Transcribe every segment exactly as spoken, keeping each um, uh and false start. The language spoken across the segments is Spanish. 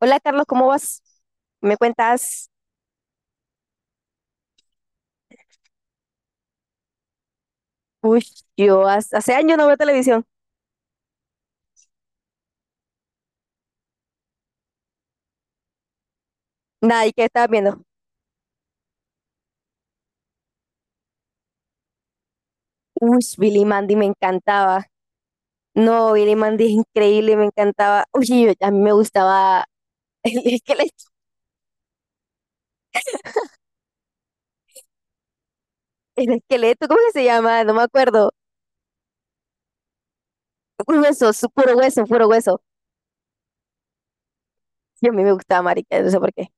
Hola, Carlos, ¿cómo vas? ¿Me cuentas? Uy, yo hace, hace años no veo televisión. Nada, ¿y qué estabas viendo? Uy, Billy Mandy me encantaba. No, Billy Mandy es increíble, me encantaba. Uy, yo- a mí me gustaba el esqueleto, el esqueleto, ¿cómo que se llama? No me acuerdo. Un hueso, su- puro hueso, puro hueso. Y a mí me gustaba, marica, no sé por qué.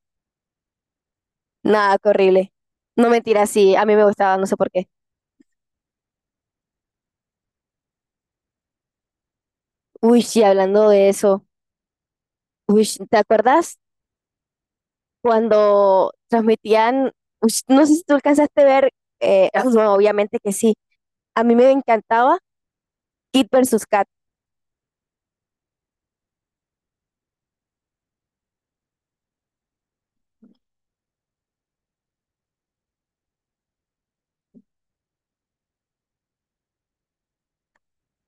Nada, qué horrible. No mentira, sí, a mí me gustaba, no sé por qué. Uy, sí, hablando de eso. Uy, ¿te acuerdas cuando transmitían? Ush, no sé si tú alcanzaste a ver, eh, no, obviamente que sí, a mí me encantaba Kid versus Kat.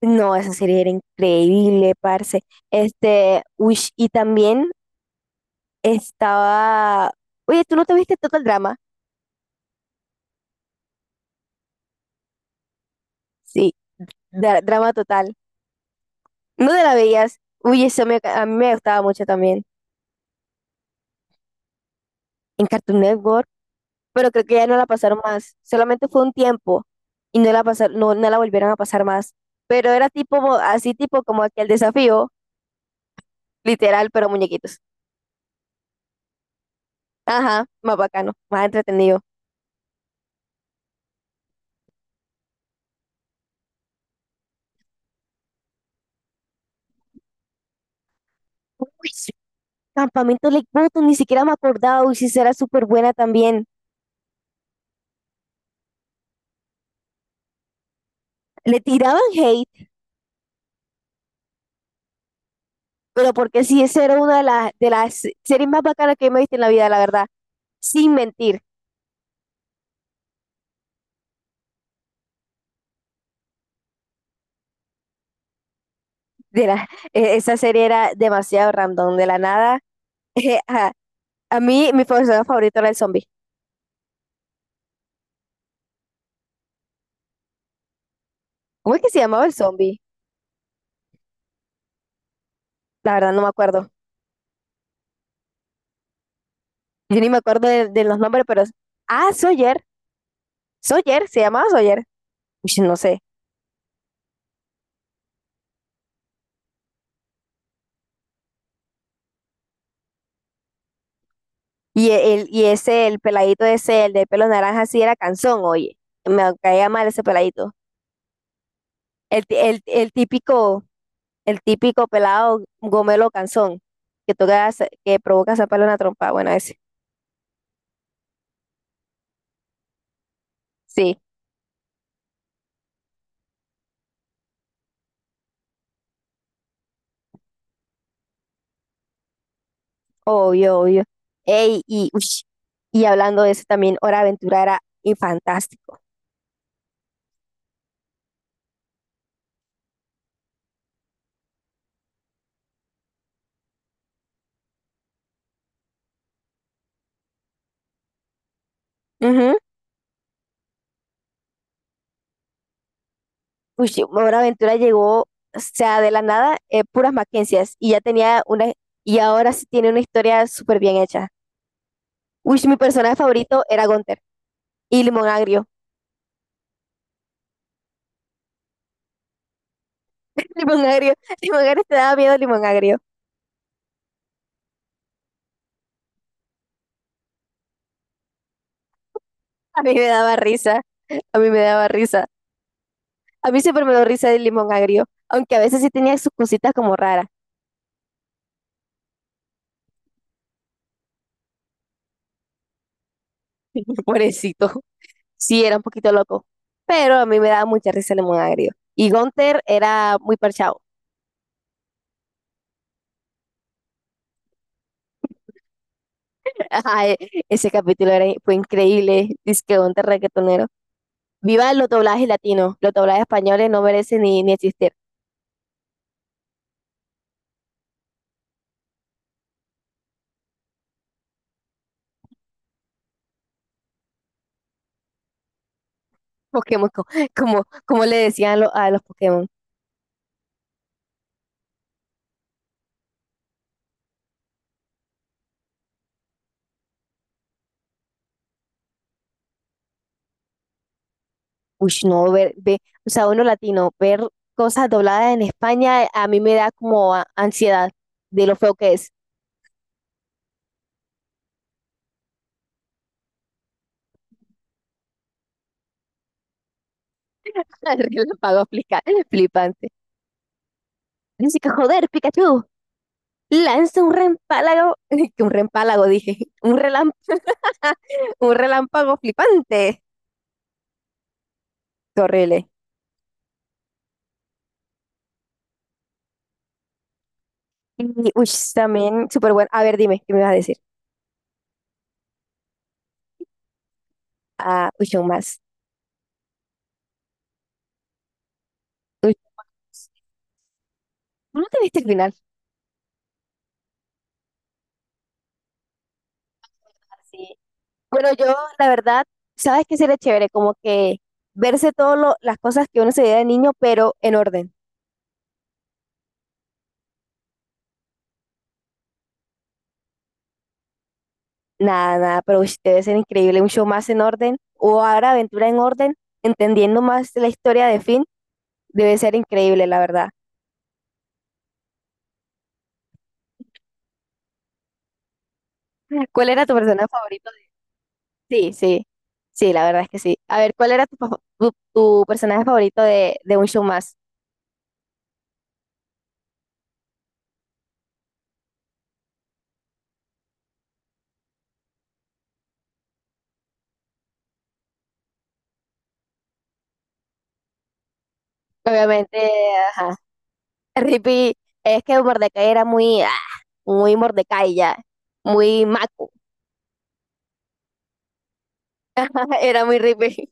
No, esa serie era increíble, parce. Este, ush, y también estaba, oye, ¿tú no te viste Total Drama? Sí, dra- drama total. ¿No te la veías? Uy, eso me- a mí me gustaba mucho también. En Cartoon Network, pero creo que ya no la pasaron más. Solamente fue un tiempo y no la pasaron, no, no la volvieron a pasar más. Pero era tipo, mo- así tipo como aquel desafío, literal, pero muñequitos. Ajá, más bacano, más entretenido. Uy, sí, Campamento Lake Bottom, ni siquiera me acordaba, uy, sí, esa era súper buena también. Le tiraban hate, pero porque sí, esa era una de las, de las series más bacanas que me he visto en la vida, la verdad. Sin mentir, de la, e- esa serie era demasiado random, de la nada. Ajá. A mí, mi personaje favorito era el zombie. ¿Cómo es que se llamaba el zombie? La verdad no me acuerdo. Yo ni me acuerdo de, de los nombres, pero... es- Ah, Sawyer. Sawyer, se llamaba Sawyer. Ush, no sé. Y, e- el, y ese, el peladito ese, el de pelo naranja, sí era Canzón, oye. Me caía mal ese peladito. El, ti- el, el típico, el típico pelado gomelo Canzón, que toca, sa- que provoca sacarle una trompa. Bueno, ese. Sí. Obvio, obvio. Ey, y, ush, y hablando de eso también, Hora de Aventura era y fantástico. Ujú. Ush, Hora de Aventura llegó, o sea, de la nada, eh, puras Mackenzie's y ya tenía una, y ahora sí tiene una historia súper bien hecha. Uy, mi personaje favorito era Gunther y Limón Agrio. Limón Agrio, Limón Agrio te daba miedo, Limón Agrio. A mí me daba risa, a mí me daba risa. A mí siempre me dio risa el limón agrio, aunque a veces sí tenía sus cositas como raras. Pobrecito, sí era un poquito loco, pero a mí me daba mucha risa el limón agrio. Y Gunther era muy parchado. Ajá, e- ese capítulo era, fue increíble. Dice que Gunther reggaetonero. Viva los doblajes latinos. Los doblajes españoles no merecen ni, ni existir. Pokémon, co- como, como le decían lo- a los Pokémon. Uy, no, ver, ve, o sea, uno latino, ver cosas dobladas en España a mí me da como a- ansiedad de lo feo que es. Relámpago flica- flipante. Dice que joder, Pikachu, lanza un reempálago, que un reempálago dije, un relam un relámpago flipante. Qué horrible. Y uy, también súper bueno. A ver, dime, ¿qué me vas a decir? Ah, uy, aún más. Uy, ¿tú no te viste el final? Sí. Bueno, yo, la verdad, ¿sabes qué sería chévere? Como que verse todas las cosas que uno se veía de niño, pero en orden. Nada, nada, pero ush, debe ser increíble un show más en orden o Ahora Aventura en Orden, entendiendo más la historia de Finn, debe ser increíble, la verdad. ¿Cuál era tu personaje favorito? de- Sí, sí, sí, la verdad es que sí. A ver, ¿cuál era tu, pa- tu, tu personaje favorito de, de un show más? Obviamente, ajá. Rippy, es que Mordecai era muy, ah, muy Mordecai ya, muy Maco, era muy Rippy.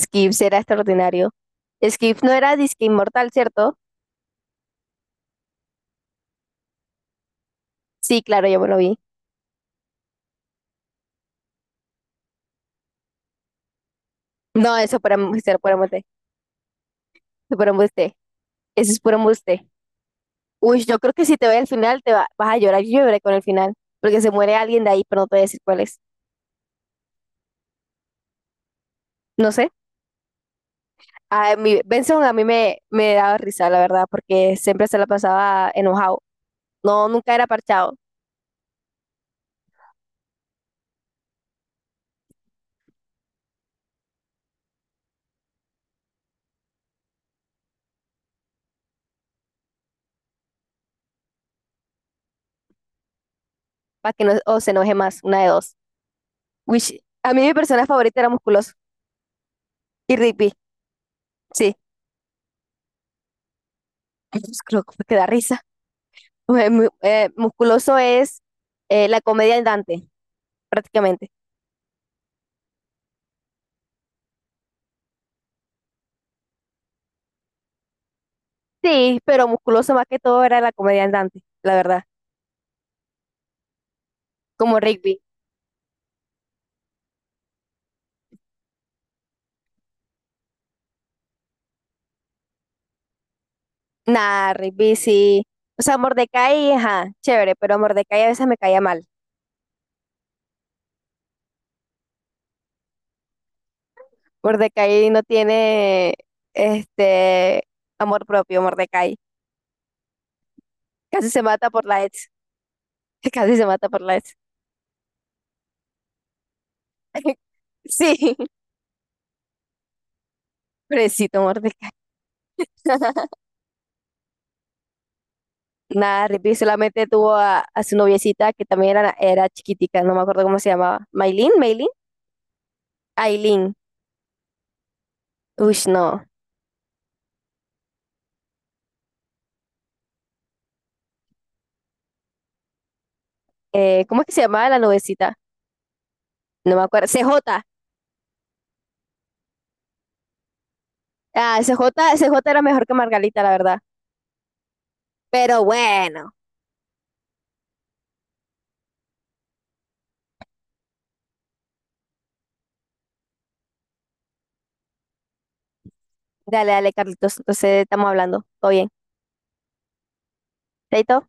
Skips era extraordinario. Skips no era disque inmortal, ¿cierto? Sí, claro, yo me lo vi. No, eso para embuste, para embuste, eso para embuste, eso es puro embuste. Uy, yo creo que si te ve el final te va- vas a llorar, yo lloré con el final, porque se muere alguien de ahí, pero no te voy a decir cuál es. No sé. A mí, Benson a mí me, me daba risa, la verdad, porque siempre se la pasaba enojado. No, nunca era parchado, para que no o se enoje más, una de dos. Uy, a mí mi persona favorita era Musculoso y Rigby, sí. Pues creo que que da risa. Eh, mu- eh, musculoso es eh, la comedia andante, prácticamente. Sí, pero musculoso más que todo era la comedia andante, la verdad, como Rigby. Nah, Rigby sí. O sea, Mordecai, ajá, chévere, pero Mordecai a veces me caía mal. Mordecai no tiene este amor propio, Mordecai. Casi se mata por la ex. Casi se mata por la ex. Sí, pobrecito Mordecai. Nada, Rigby solamente tuvo a, a su noviecita que también era, era chiquitica, no me acuerdo cómo se llamaba. ¿Maylin? ¿Maylin? Aileen. Uy, no. Eh, ¿cómo es que se llamaba la noviecita? No me acuerdo. C J. Ah, C J, C J era mejor que Margarita, la verdad. Pero bueno. Dale, dale, Carlitos. Entonces estamos hablando. Todo bien. Chaito.